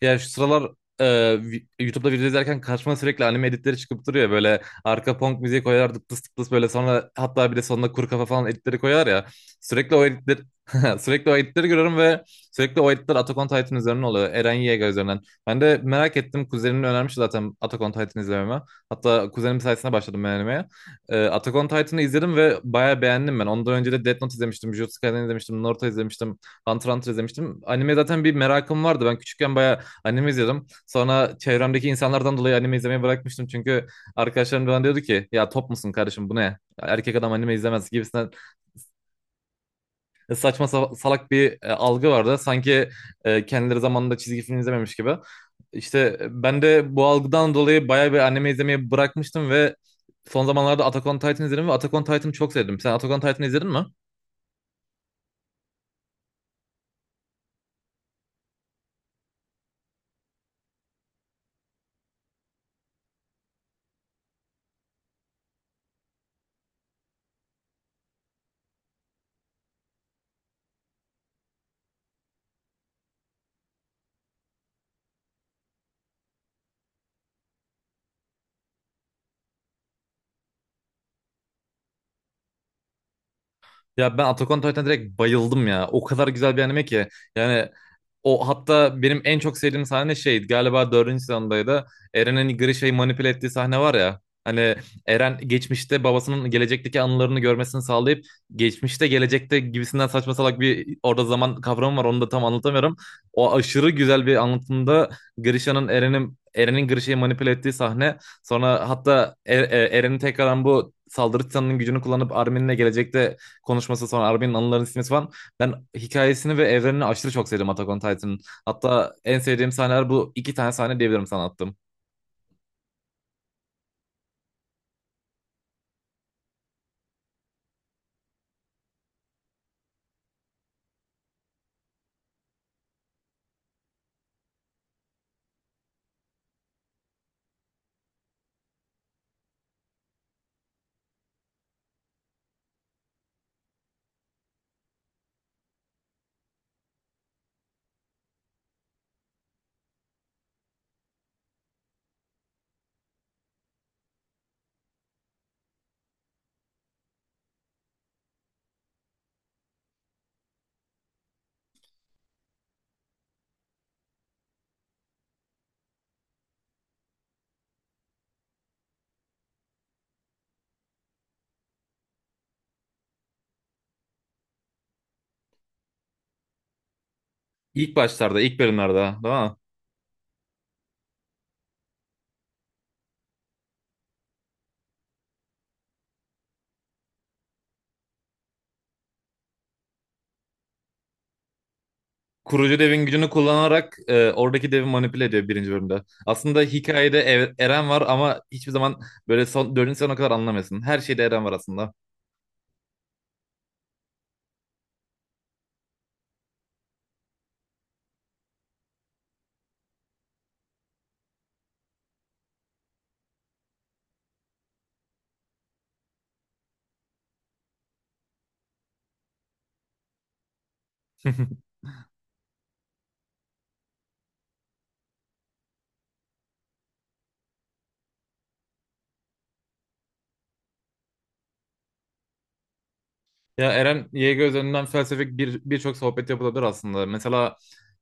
Ya şu sıralar e, YouTube'da video izlerken karşıma sürekli anime editleri çıkıp duruyor. Böyle arka punk müziği koyar dıp dıs dıp dıs böyle sonra hatta bir de sonuna kuru kafa falan editleri koyar ya. Sürekli o editler sürekli o editleri görüyorum ve sürekli o editler Attack on Titan üzerinden oluyor. Eren Yeager üzerinden. Ben de merak ettim. Kuzenim önermiş zaten Attack on Titan izlememe. Hatta kuzenim sayesinde başladım ben animeye. Attack on Titan'ı izledim ve bayağı beğendim ben. Ondan önce de Death Note izlemiştim, Jujutsu Kaisen izlemiştim, Naruto izlemiştim, Hunter x Hunter izlemiştim. Anime zaten bir merakım vardı. Ben küçükken bayağı anime izliyordum. Sonra çevremdeki insanlardan dolayı anime izlemeyi bırakmıştım. Çünkü arkadaşlarım bana diyordu ki ya top musun kardeşim bu ne? Ya erkek adam anime izlemez gibisinden saçma salak bir algı vardı. Sanki kendileri zamanında çizgi film izlememiş gibi. İşte ben de bu algıdan dolayı bayağı bir anime izlemeyi bırakmıştım ve son zamanlarda Attack on Titan izledim ve Attack on Titan'ı çok sevdim. Sen Attack on Titan'ı izledin mi? Ya ben Attack on Titan'a direkt bayıldım ya. O kadar güzel bir anime ki. Yani o hatta benim en çok sevdiğim sahne şeydi. Galiba dördüncü sezondaydı. Eren'in hani Grisha'yı manipüle ettiği sahne var ya. Hani Eren geçmişte babasının gelecekteki anılarını görmesini sağlayıp geçmişte gelecekte gibisinden saçma salak bir orada zaman kavramı var. Onu da tam anlatamıyorum. O aşırı güzel bir anlatımda Grisha'nın Eren'in Grisha'yı manipüle ettiği sahne. Sonra hatta Eren'in tekrardan bu saldırı titanının gücünü kullanıp Armin'le gelecekte konuşması sonra Armin'in anılarını silmesi falan. Ben hikayesini ve evrenini aşırı çok sevdim Attack on Titan'ın. Hatta en sevdiğim sahneler bu iki tane sahne diyebilirim sana attım. İlk başlarda, ilk bölümlerde, değil mi? Kurucu devin gücünü kullanarak oradaki devi manipüle ediyor birinci bölümde. Aslında hikayede Eren var ama hiçbir zaman böyle son, dördüncü sezona kadar anlamıyorsun. Her şeyde Eren var aslında. Ya Eren Yeager üzerinden felsefik bir birçok sohbet yapılabilir aslında. Mesela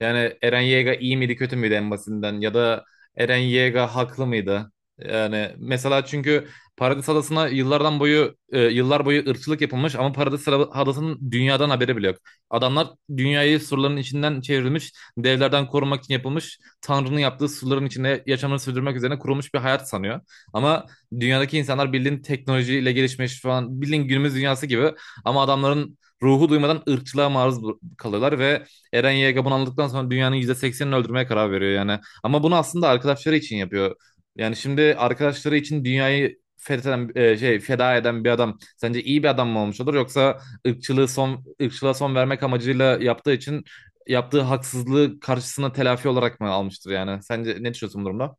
yani Eren Yeager iyi miydi kötü müydü en basitinden ya da Eren Yeager haklı mıydı? Yani mesela çünkü Paradis Adası'na yıllar boyu ırkçılık yapılmış ama Paradis Adası'nın dünyadan haberi bile yok. Adamlar dünyayı surların içinden çevrilmiş, devlerden korumak için yapılmış, Tanrı'nın yaptığı surların içinde yaşamını sürdürmek üzerine kurulmuş bir hayat sanıyor. Ama dünyadaki insanlar bildiğin teknolojiyle gelişmiş falan bildiğin günümüz dünyası gibi ama adamların ruhu duymadan ırkçılığa maruz kalıyorlar ve Eren Yeager bunu anladıktan sonra dünyanın %80'ini öldürmeye karar veriyor yani. Ama bunu aslında arkadaşları için yapıyor. Yani şimdi arkadaşları için dünyayı fetheden, feda eden bir adam sence iyi bir adam mı olmuş olur yoksa ırkçılığı son ırkçılığa son vermek amacıyla yaptığı için yaptığı haksızlığı karşısına telafi olarak mı almıştır yani? Sence ne düşünüyorsun bu durumda?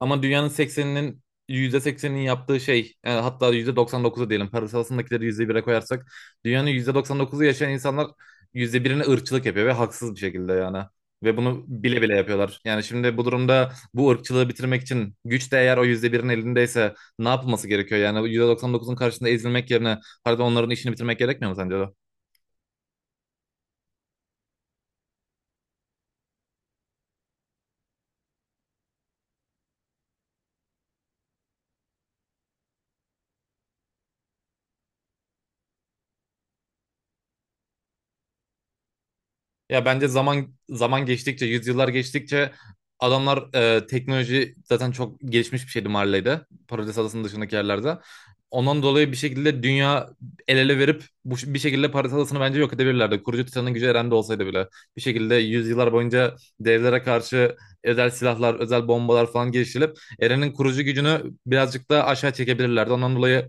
Ama dünyanın yüzde %80'inin yaptığı şey, yani hatta %99'u diyelim, parasalsındakileri %1'e koyarsak dünyanın %99'u yaşayan insanlar %1'ine ırkçılık yapıyor ve haksız bir şekilde yani. Ve bunu bile bile yapıyorlar. Yani şimdi bu durumda bu ırkçılığı bitirmek için güç de eğer o %1'in elindeyse ne yapılması gerekiyor? Yani %99'un karşısında ezilmek yerine, pardon, onların işini bitirmek gerekmiyor mu sence de? Ya bence zaman zaman geçtikçe, yüzyıllar geçtikçe adamlar teknoloji zaten çok gelişmiş bir şeydi Marley'de. Paradis Adası'nın dışındaki yerlerde. Ondan dolayı bir şekilde dünya el ele verip bu, bir şekilde Paradis Adası'nı bence yok edebilirlerdi. Kurucu Titan'ın gücü Eren'de olsaydı bile. Bir şekilde yüzyıllar boyunca devlere karşı özel silahlar, özel bombalar falan geliştirilip Eren'in kurucu gücünü birazcık da aşağı çekebilirlerdi. Ondan dolayı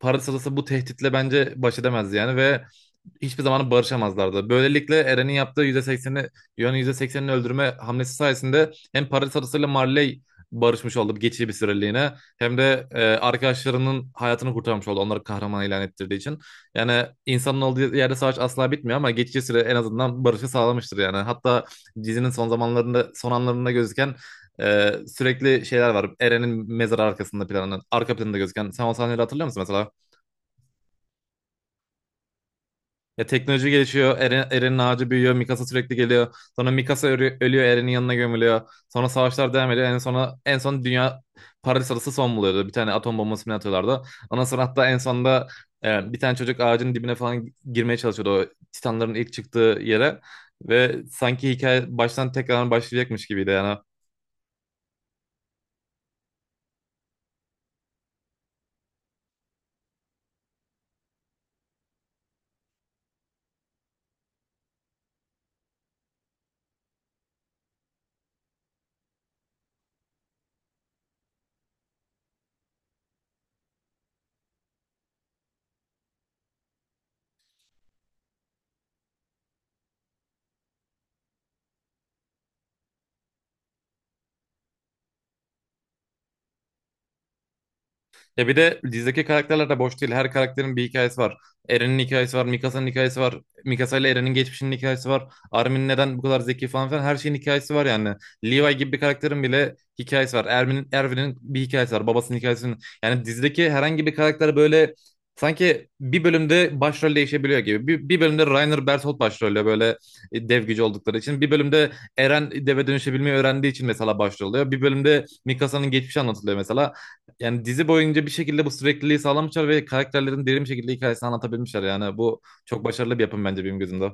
Paradis Adası bu tehditle bence baş edemezdi yani ve hiçbir zaman barışamazlardı. Böylelikle Eren'in yaptığı %80'i, Yuan'ın %80'ini öldürme hamlesi sayesinde hem Paris adasıyla Marley barışmış oldu geçici bir süreliğine, hem de arkadaşlarının hayatını kurtarmış oldu onları kahraman ilan ettirdiği için. Yani insanın olduğu yerde savaş asla bitmiyor ama geçici süre en azından barışı sağlamıştır yani. Hatta dizinin son zamanlarında son anlarında gözüken e, sürekli şeyler var. Eren'in mezarı arkasında planının arka planında gözüken, sen o sahneleri hatırlıyor musun mesela? Ya teknoloji gelişiyor. Eren, Eren'in ağacı büyüyor. Mikasa sürekli geliyor. Sonra Mikasa ölüyor. Eren'in yanına gömülüyor. Sonra savaşlar devam ediyor. En son dünya Paris adası son buluyordu. Bir tane atom bombası mı ne atıyorlardı. Ondan sonra hatta en sonunda bir tane çocuk ağacın dibine falan girmeye çalışıyordu. O Titanların ilk çıktığı yere. Ve sanki hikaye baştan tekrar başlayacakmış gibiydi yani. Ya bir de dizideki karakterler de boş değil. Her karakterin bir hikayesi var. Eren'in hikayesi var, Mikasa'nın hikayesi var. Mikasa ile Eren'in geçmişinin hikayesi var. Armin neden bu kadar zeki falan filan, her şeyin hikayesi var yani. Levi gibi bir karakterin bile hikayesi var. Erwin'in bir hikayesi var. Babasının hikayesinin. Yani dizideki herhangi bir karakter böyle sanki bir bölümde başrol değişebiliyor gibi. Bir bölümde Rainer Berthold başrolle böyle dev gücü oldukları için. Bir bölümde Eren deve dönüşebilmeyi öğrendiği için mesela başrol oluyor. Bir bölümde Mikasa'nın geçmişi anlatılıyor mesela. Yani dizi boyunca bir şekilde bu sürekliliği sağlamışlar ve karakterlerin derin bir şekilde hikayesini anlatabilmişler. Yani bu çok başarılı bir yapım bence benim gözümde.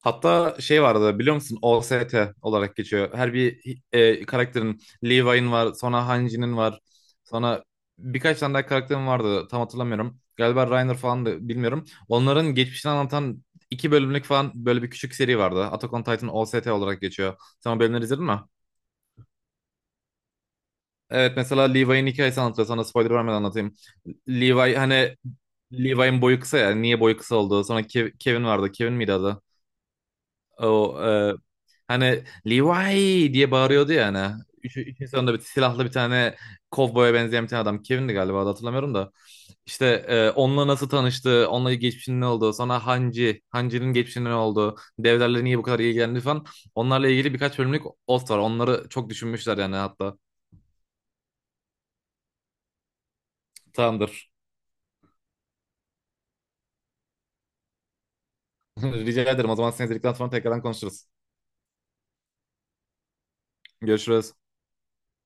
Hatta şey vardı biliyor musun? OST olarak geçiyor. Her bir karakterin, Levi'nin var, sonra Hanji'nin var, sonra birkaç tane daha karakterin vardı. Tam hatırlamıyorum. Galiba Reiner falan da bilmiyorum. Onların geçmişini anlatan iki bölümlük falan böyle bir küçük seri vardı. Attack on Titan OST olarak geçiyor. Sen o bölümleri izledin mi? Evet mesela Levi'nin hikayesini anlatıyor. Sana spoiler vermeden anlatayım. Levi hani Levi'nin boyu kısa ya. Niye boyu kısa oldu? Sonra Kevin vardı. Kevin miydi adı? O hani Levi diye bağırıyordu ya hani. Üçün sonunda bir silahlı bir tane kovboya benzeyen bir tane adam. Kevin'di galiba adı, hatırlamıyorum da. İşte onunla nasıl tanıştı, onunla geçmişinin ne olduğu, sonra Hanji, Hanji'nin geçmişinin ne olduğu, devlerle niye bu kadar ilgilendi falan. Onlarla ilgili birkaç bölümlük ot var. Onları çok düşünmüşler yani hatta. Tamamdır. Rica ederim. O zaman seni izledikten sonra tekrardan konuşuruz. Görüşürüz.